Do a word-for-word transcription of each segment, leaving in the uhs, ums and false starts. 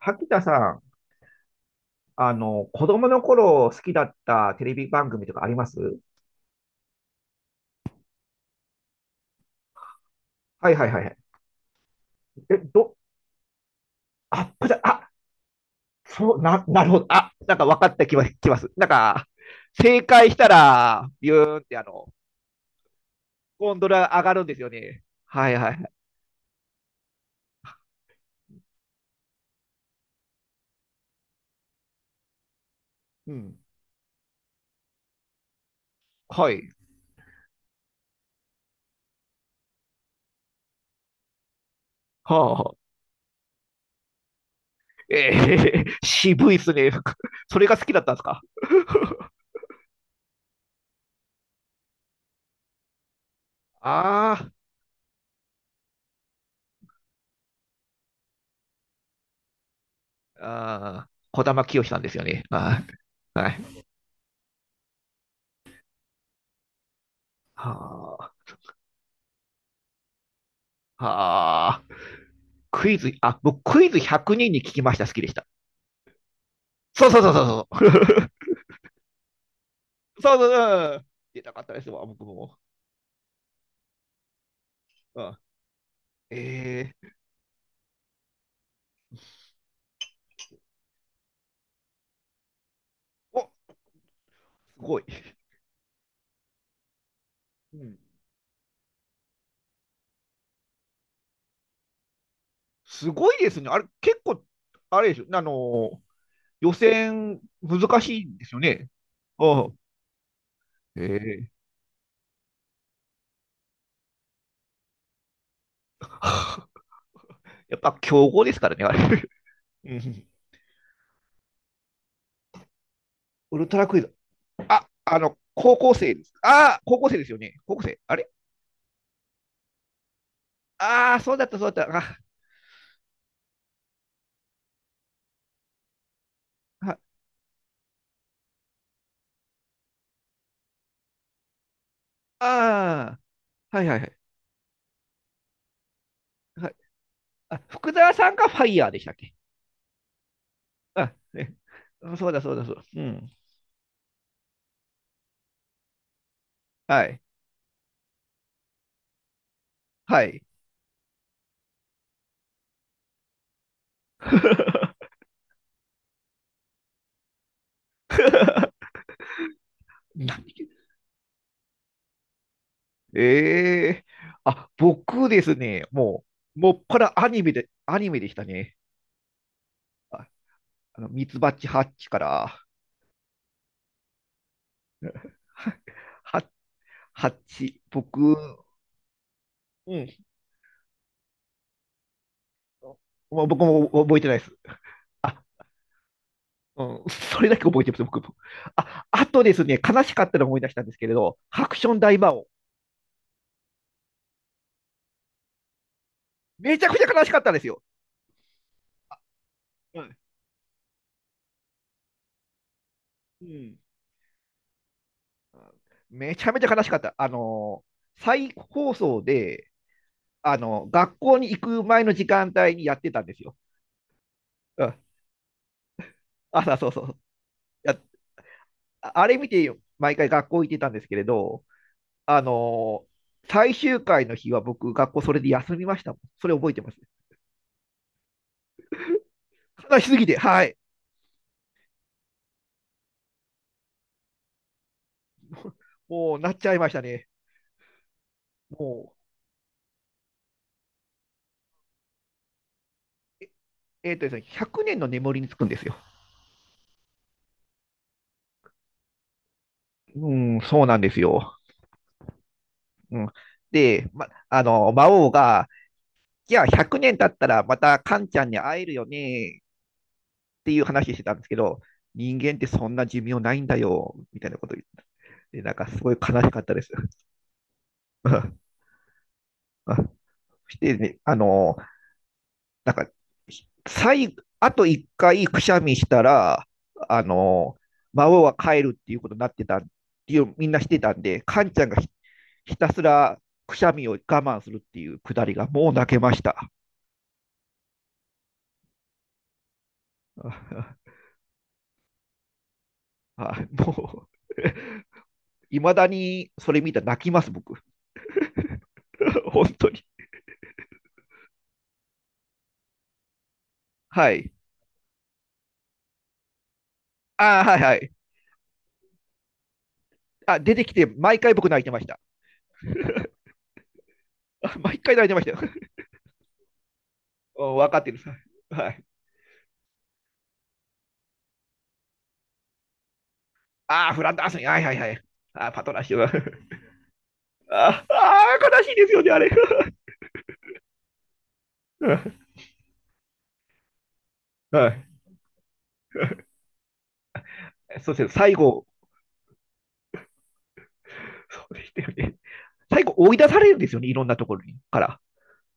萩田さん、あの、子供の頃好きだったテレビ番組とかあります？はいはいはいはい。え、ど、あ、こちら、あ、そう、な、なるほど。あ、なんか分かった気はきます。なんか、正解したら、ビューンってあの、ゴンドラ上がるんですよね。はいはいはい。うん。はい。はあ。えー、渋いっすね。それが好きだったんですか？ ああ、ああ、児玉清さんですよね。はい。はい。はあ、はあ。クイズ、あ、僕、クイズひゃくにんにんに聞きました、好きでした。そうそうそうそうそう。そうそうそう。出たかったですわ、僕も。うん、えー、お、すごい。うん、すごいですね。あれ、結構、あれでしょ、あのー、予選、難しいんですよね。うん。えー、やっぱ、強豪ですからね、あれ。うん。ウルトラクイズ。あ、あの、高校生です。ああ、高校生ですよね。高校生。あれ、ああ、そうだった、そうだった。ああ、ああー、はいはいはい。あ、福沢さんがファイヤーでしたっけ？あ、ね。そうだそうだそうだ。うん。はい。はい。なんで？ええ、あ、僕ですね、もう、もっぱらアニメで、アニメでしたね。あ、あの、ミツバチハッチから、ハッハッチ、僕、うん。もう僕も覚えてないです。あ、うん、それだけ覚えてます、僕も。あ、あとですね、悲しかったのを思い出したんですけれど、ハクション大魔王。めちゃくちゃ悲しかったんですよ。うんうん。あめちゃめちゃ悲しかった。あのー、再放送で、あのー、学校に行く前の時間帯にやってたんですよ。うん。朝、そうそう。や、あれ見て、毎回学校行ってたんですけれど、あのー、最終回の日は僕、学校それで休みましたもん。それ覚えてますね。悲しすぎて、はい。もう、なっちゃいましたね。もう、え、えーとですね、ひゃくねんの眠りにつくんですよ。うん、そうなんですよ。うん。で、ま、あの、魔王が、じゃあひゃくねん経ったらまたカンちゃんに会えるよねっていう話してたんですけど、人間ってそんな寿命ないんだよ、みたいなこと言って、でなんかすごい悲しかったです。そしてね、あの、なんか、最後、あといっかいくしゃみしたら、あの、孫は帰るっていうことになってたっていう、みんなしてたんで、カンちゃんがひひたすらくしゃみを我慢するっていうくだりが、もう泣けました。あもういまだにそれ見たら泣きます、僕。本当に。はい。ああはいはい。あ、出てきて、毎回僕泣いてました。毎回泣いてましたよ。分かってる。はい。ああ、フランダースに、はいはいはい。ああパトラッシュ。ああ悲しいですよね、あれ。はい。そして最後、そうでしたよね。最後、追い出されるんですよね、いろんなところにから。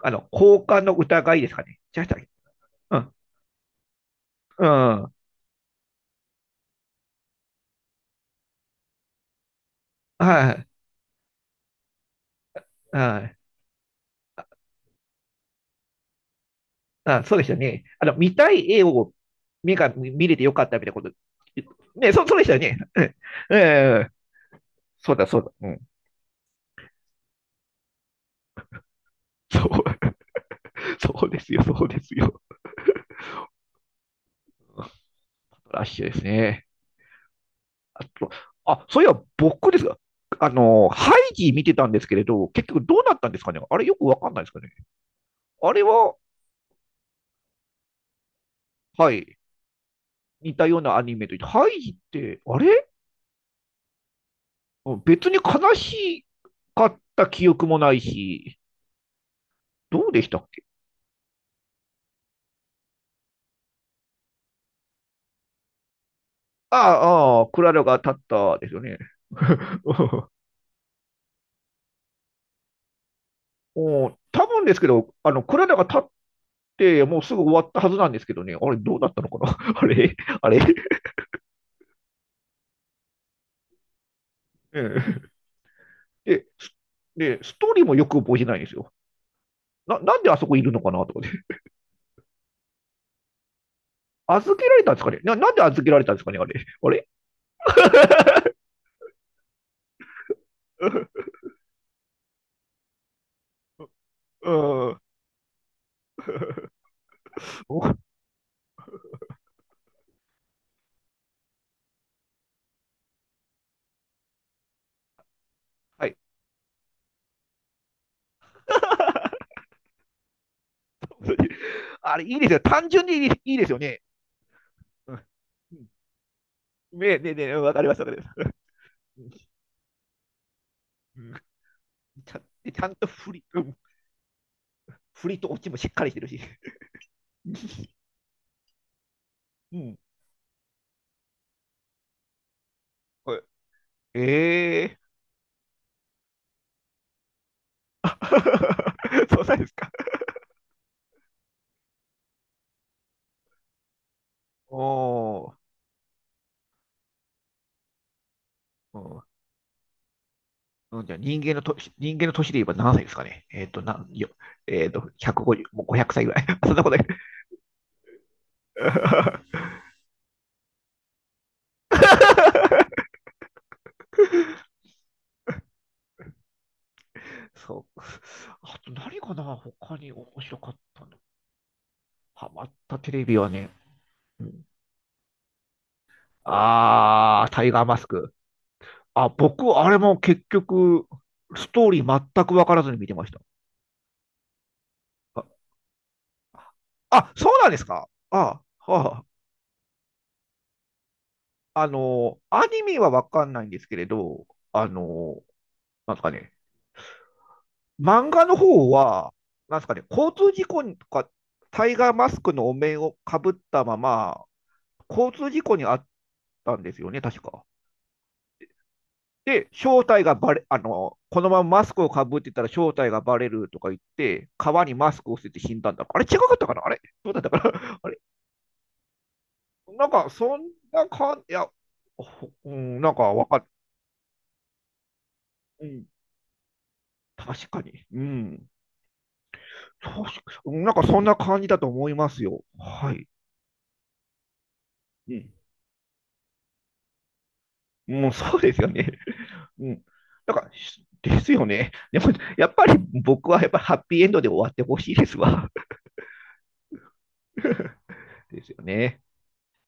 あの、交換の疑いですかね。違いました？うん。うん。はい。はい。あ、そうでしたね。あの、見たい絵を目が見れてよかったみたいなこと。ね、そう、そうでしたよね。うん。えーそうだ、そうだ。うん。そう、そうですよ、そうですよ。ラッシュですね。あと、あ、そういえば僕ですが、あの、ハイジ見てたんですけれど、結局どうなったんですかね？あれよくわかんないですかね？あれは、はい、似たようなアニメと、てハイジって、あれ別に悲しかった記憶もないし、どうでしたっけ？ああ、クララが立ったですよね。おお多分ですけど、あの、クララが立って、もうすぐ終わったはずなんですけどね、あれ、どうなったのかな？ あれ、あれ、うん。で、スで、ストーリーもよく覚えてないんですよ。な、なんであそこいるのかなとかね。預けられたんですかね？な、なんで預けられたんですかね？あれ。あれ。 うん。お、はい。あれ、いいですよ。単純にいいいいですよね。うん。ねねね、わかります、わかります。うん。ちゃんちゃんと振り、うん、振りとオチもしっかりしてるし。うん。ええー。 そうなんですか。おー、うん。じゃあ人間のと人間の年で言えば何歳ですかね？えっーと、なんよ、えっーと、ひゃくごじゅう、もうごひゃくさいぐらい。そんなことない。そう。あと何かな、他に面白かったの。ハマったテレビはね、うん、あー、タイガーマスク。あ、僕、あれも結局、ストーリー全く分からずに見てました。あ、あ、そうなんですか。あ、はあ、あの、アニメはわかんないんですけれど、あの、なんですかね、漫画の方は、なんですかね、交通事故とか、タイガーマスクのお面をかぶったまま、交通事故にあったんですよね、確か。で、正体がバレ、あの、このままマスクをかぶってたら正体がバレるとか言って、川にマスクを捨てて死んだんだ。あれ違かったかな？あれどうだったかな？ あれなんか、そんな感じ、いや、ほうん、なんかわかん、うん。確かに。うん。そう。なんかそんな感じだと思いますよ。はい。うん。もうそうですよね。うん。なんか、しですよね。でも、やっぱり僕はやっぱハッピーエンドで終わってほしいですわ。ですよね。